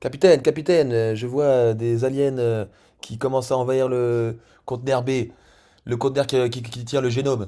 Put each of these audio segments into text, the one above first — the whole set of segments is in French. Capitaine, capitaine, je vois des aliens qui commencent à envahir le conteneur B, le conteneur qui tient le génome.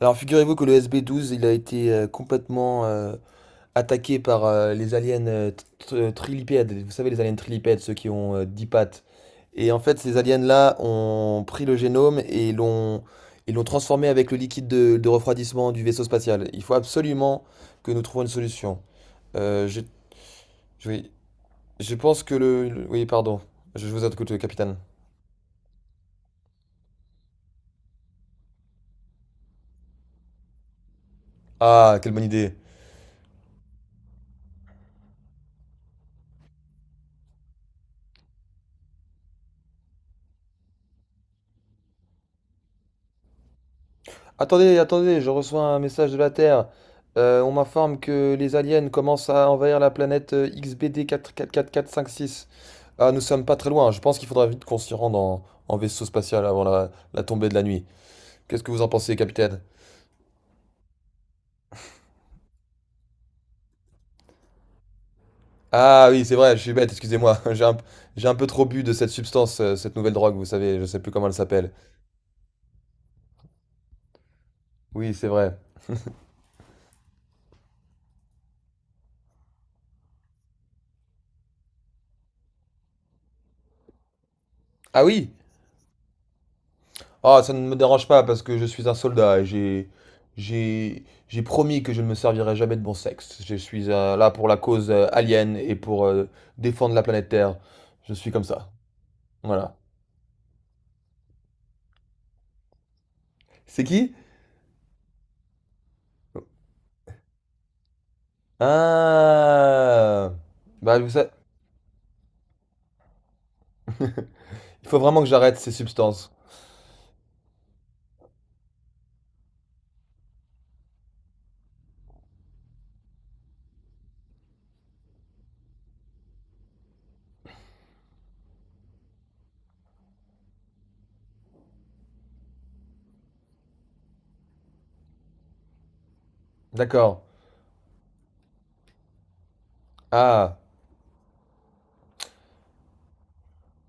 Alors figurez-vous que le SB-12, il a été complètement attaqué par les aliens trilipèdes. Vous savez, les aliens trilipèdes, ceux qui ont 10 pattes. Et en fait, ces aliens-là ont pris le génome et l'ont ils l'ont transformé avec le liquide de refroidissement du vaisseau spatial. Il faut absolument que nous trouvions une solution. Euh, je, je vais- Je pense que Oui, pardon. Je vous écoute, capitaine. Ah, quelle bonne idée. Attendez, attendez, je reçois un message de la Terre. On m'informe que les aliens commencent à envahir la planète XBD 444456. Ah, nous sommes pas très loin. Je pense qu'il faudra vite qu'on s'y rende en vaisseau spatial avant la tombée de la nuit. Qu'est-ce que vous en pensez, capitaine? Ah oui, c'est vrai, je suis bête, excusez-moi. J'ai un peu trop bu de cette substance, cette nouvelle drogue, vous savez, je sais plus comment elle s'appelle. Oui, c'est vrai. Ah oui. Ah, ça ne me dérange pas parce que je suis un soldat et j'ai promis que je ne me servirai jamais de bon sexe. Je suis là pour la cause alien et pour défendre la planète Terre. Je suis comme ça. Voilà. C'est qui? Ah. Bah, vous sa- il faut vraiment que j'arrête ces substances. D'accord. Ah.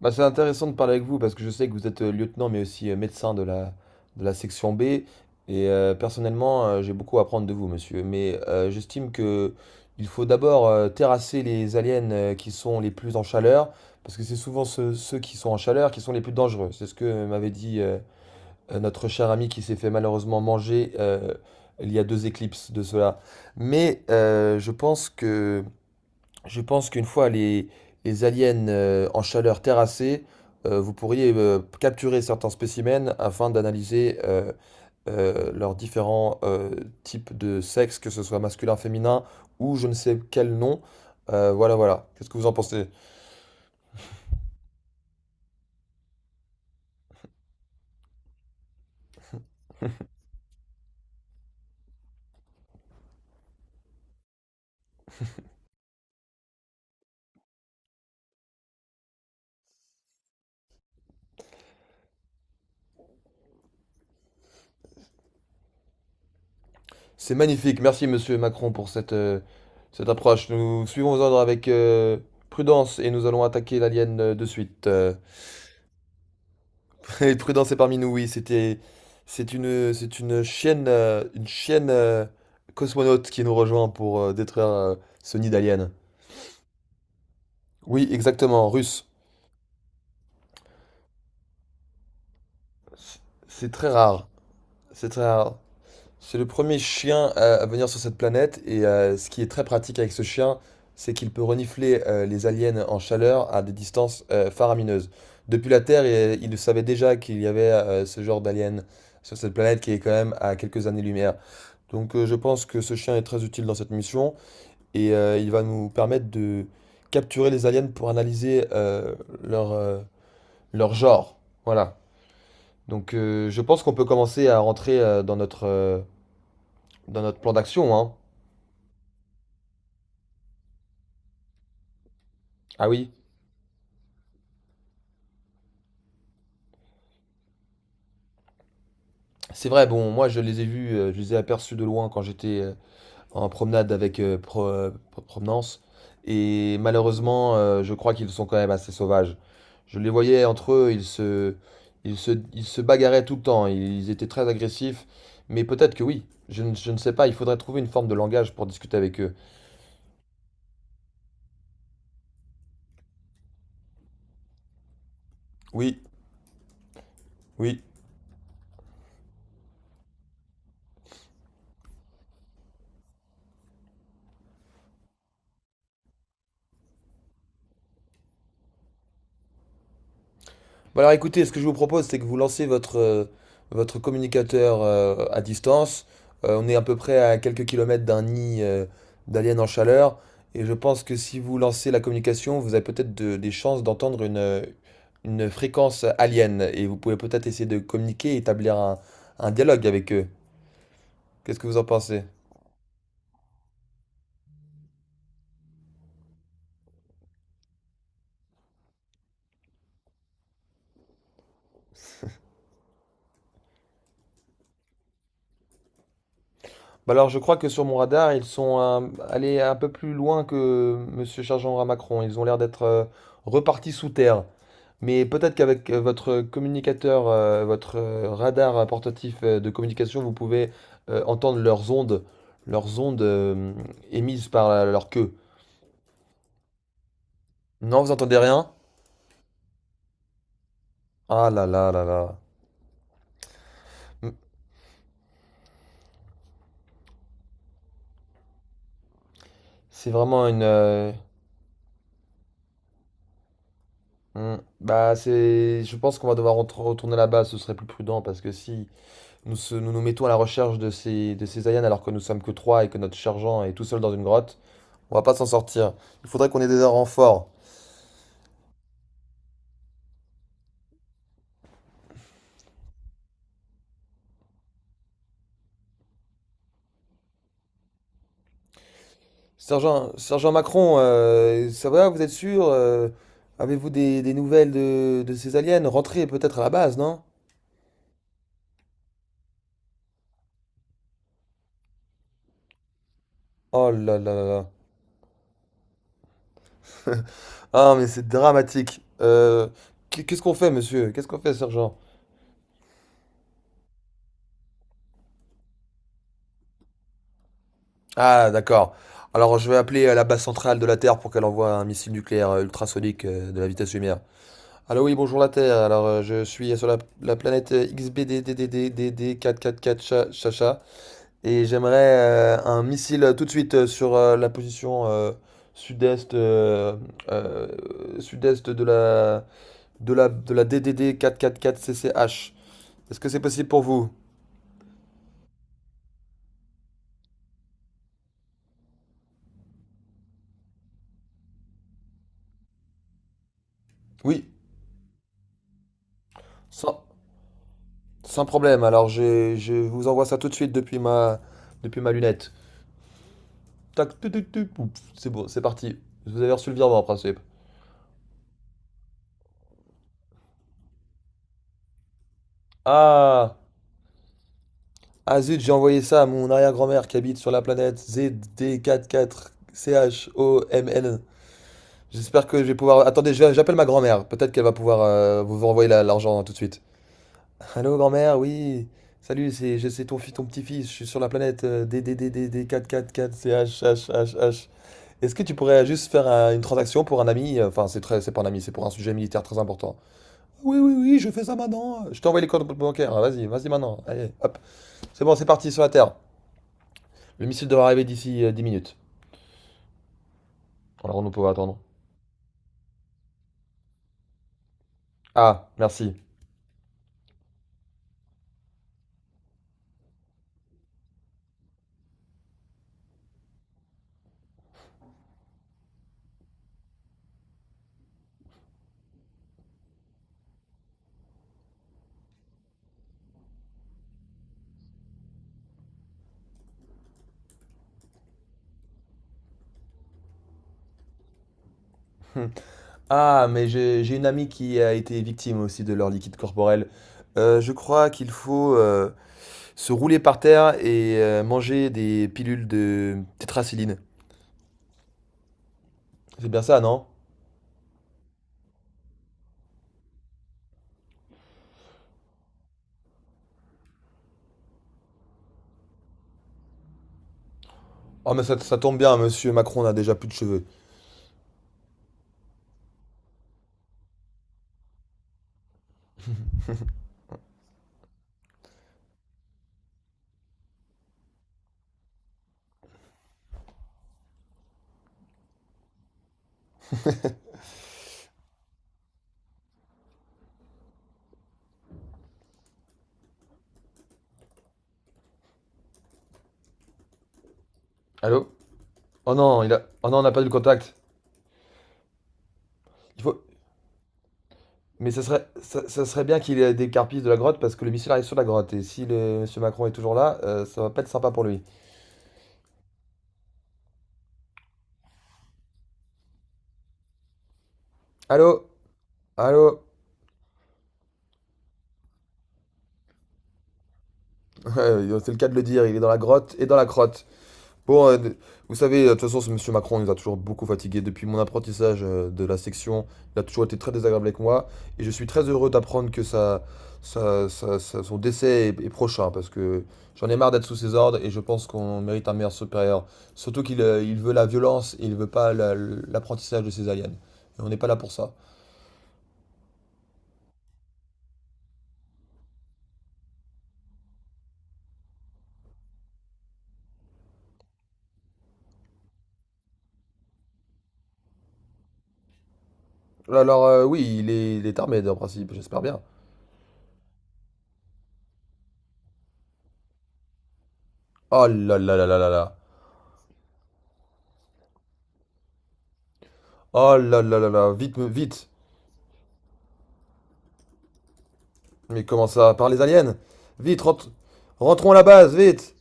Bah, c'est intéressant de parler avec vous parce que je sais que vous êtes lieutenant mais aussi médecin de la section B et personnellement j'ai beaucoup à apprendre de vous monsieur mais j'estime que il faut d'abord terrasser les aliens qui sont les plus en chaleur parce que c'est souvent ceux qui sont en chaleur qui sont les plus dangereux. C'est ce que m'avait dit notre cher ami qui s'est fait malheureusement manger il y a deux éclipses de cela. Mais euh, je pense que je pense qu'une fois les aliens en chaleur terrassés, vous pourriez capturer certains spécimens afin d'analyser leurs différents types de sexe, que ce soit masculin, féminin ou je ne sais quel nom. Voilà. Qu'est-ce que vous en pensez? C'est magnifique. Merci, monsieur Macron, pour cette, cette approche. Nous suivons vos ordres avec prudence et nous allons attaquer l'alien de suite. Et Prudence est parmi nous, oui, c'est une chienne cosmonaute qui nous rejoint pour détruire ce nid d'alien. Oui, exactement, russe. C- C'est très rare, c'est très rare. C'est le premier chien à venir sur cette planète et ce qui est très pratique avec ce chien, c'est qu'il peut renifler les aliens en chaleur à des distances faramineuses. Depuis la Terre, il savait déjà qu'il y avait ce genre d'alien sur cette planète qui est quand même à quelques années-lumière. Donc je pense que ce chien est très utile dans cette mission et il va nous permettre de capturer les aliens pour analyser leur, euh, leur genre. Voilà. Donc je pense qu'on peut commencer à rentrer dans notre plan d'action, hein. Ah oui, c'est vrai, bon, moi je les ai aperçus de loin quand j'étais en promenade avec provenance. Et malheureusement, je crois qu'ils sont quand même assez sauvages. Je les voyais entre eux, ils se bagarraient tout le temps, ils étaient très agressifs. Mais peut-être que oui, je ne sais pas, il faudrait trouver une forme de langage pour discuter avec eux. Oui, oui. Bon alors écoutez, ce que je vous propose, c'est que vous lancez votre, votre communicateur à distance. On est à peu près à quelques kilomètres d'un nid d'alien en chaleur. Et je pense que si vous lancez la communication, vous avez peut-être des chances d'entendre une fréquence alien. Et vous pouvez peut-être essayer de communiquer et établir un dialogue avec eux. Qu'est-ce que vous en pensez? Bah alors je crois que sur mon radar, ils sont allés un peu plus loin que Monsieur Sergent à Macron. Ils ont l'air d'être repartis sous terre. Mais peut-être qu'avec votre communicateur, votre radar portatif de communication, vous pouvez entendre leurs ondes émises par leur queue. Non, vous entendez rien? Ah là là là là. Hmm. C'est vraiment une. Hmm. Bah c'est. Je pense qu'on va devoir retourner là-bas. Ce serait plus prudent parce que si nous mettons à la recherche de ces aliens alors que nous sommes que trois et que notre sergent est tout seul dans une grotte, on va pas s'en sortir. Il faudrait qu'on ait des renforts. Sergent, Sergent Macron, ça va, vous êtes sûr? Avez-vous des nouvelles de ces aliens? Rentrez peut-être à la base, non? Oh là là là là. Ah, mais c'est dramatique. Qu'est-ce qu'on fait, monsieur? Qu'est-ce qu'on fait, sergent? Ah, d'accord. Alors, je vais appeler la base centrale de la Terre pour qu'elle envoie un missile nucléaire ultrasonique de la vitesse lumière. Allô, oui, bonjour la Terre. Alors, je suis sur la planète XBDDDDDD444 Chacha. Et j'aimerais un missile tout de suite sur la position sud-est euh, euh, sud-est de de la DDD 444CCH. Est-ce que c'est possible pour vous? Oui, sans, sans problème. Je vous envoie ça tout de suite depuis ma lunette. Tac, tu, pouf, c'est bon, c'est parti. Vous avez reçu le virement en principe. Ah, ah zut, j'ai envoyé ça à mon arrière-grand-mère qui habite sur la planète ZD44CHOMN. J'espère que je vais pouvoir. Attendez, j'appelle ma grand-mère. Peut-être qu'elle va pouvoir vous renvoyer l'argent hein, tout de suite. Allô, grand-mère, oui. Salut, c'est ton petit-fils. Je suis sur la planète D D D D D 444 C H H H. H. Est-ce que tu pourrais juste faire une transaction pour un ami? Enfin, c'est pas un ami, c'est pour un sujet militaire très important. Oui, oui, oui, je fais ça maintenant. Je t'envoie les codes bancaires. Ah, Vas-y, vas-y maintenant. Allez, hop. C'est bon, c'est parti sur la Terre. Le missile devrait arriver d'ici 10 minutes. Alors, on ne peut pas attendre. Ah, merci. Hum. Ah, mais j'ai une amie qui a été victime aussi de leur liquide corporel. Je crois qu'il faut se rouler par terre et manger des pilules de tétracilline. C'est bien ça, non? Oh, mais ça tombe bien, monsieur Macron n'a déjà plus de cheveux. Allô? Oh non, oh non, on n'a pas eu le contact. Il faut... Mais ça serait bien qu'il ait des carpisses de la grotte parce que le missile arrive sur la grotte. Et si le monsieur Macron est toujours là, ça va pas être sympa pour lui. Allô? Allô? C'est le cas de le dire, il est dans la grotte et dans la crotte. Bon, euh, de- Vous savez, de toute façon, ce monsieur Macron nous a toujours beaucoup fatigués depuis mon apprentissage de la section. Il a toujours été très désagréable avec moi. Et je suis très heureux d'apprendre que son décès est prochain, parce que j'en ai marre d'être sous ses ordres et je pense qu'on mérite un meilleur supérieur. Surtout qu'il il veut la violence et il veut pas l'apprentissage de ses aliens. Et on n'est pas là pour ça. Alors, oui, il est armé, en principe, j'espère bien. Oh là là là là là là. Oh là là là là. Vite. Mais comment ça? Par les aliens? Vite, rentre- Rentrons à la base, vite.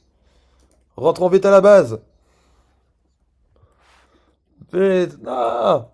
Rentrons vite à la base. Vite. Ah.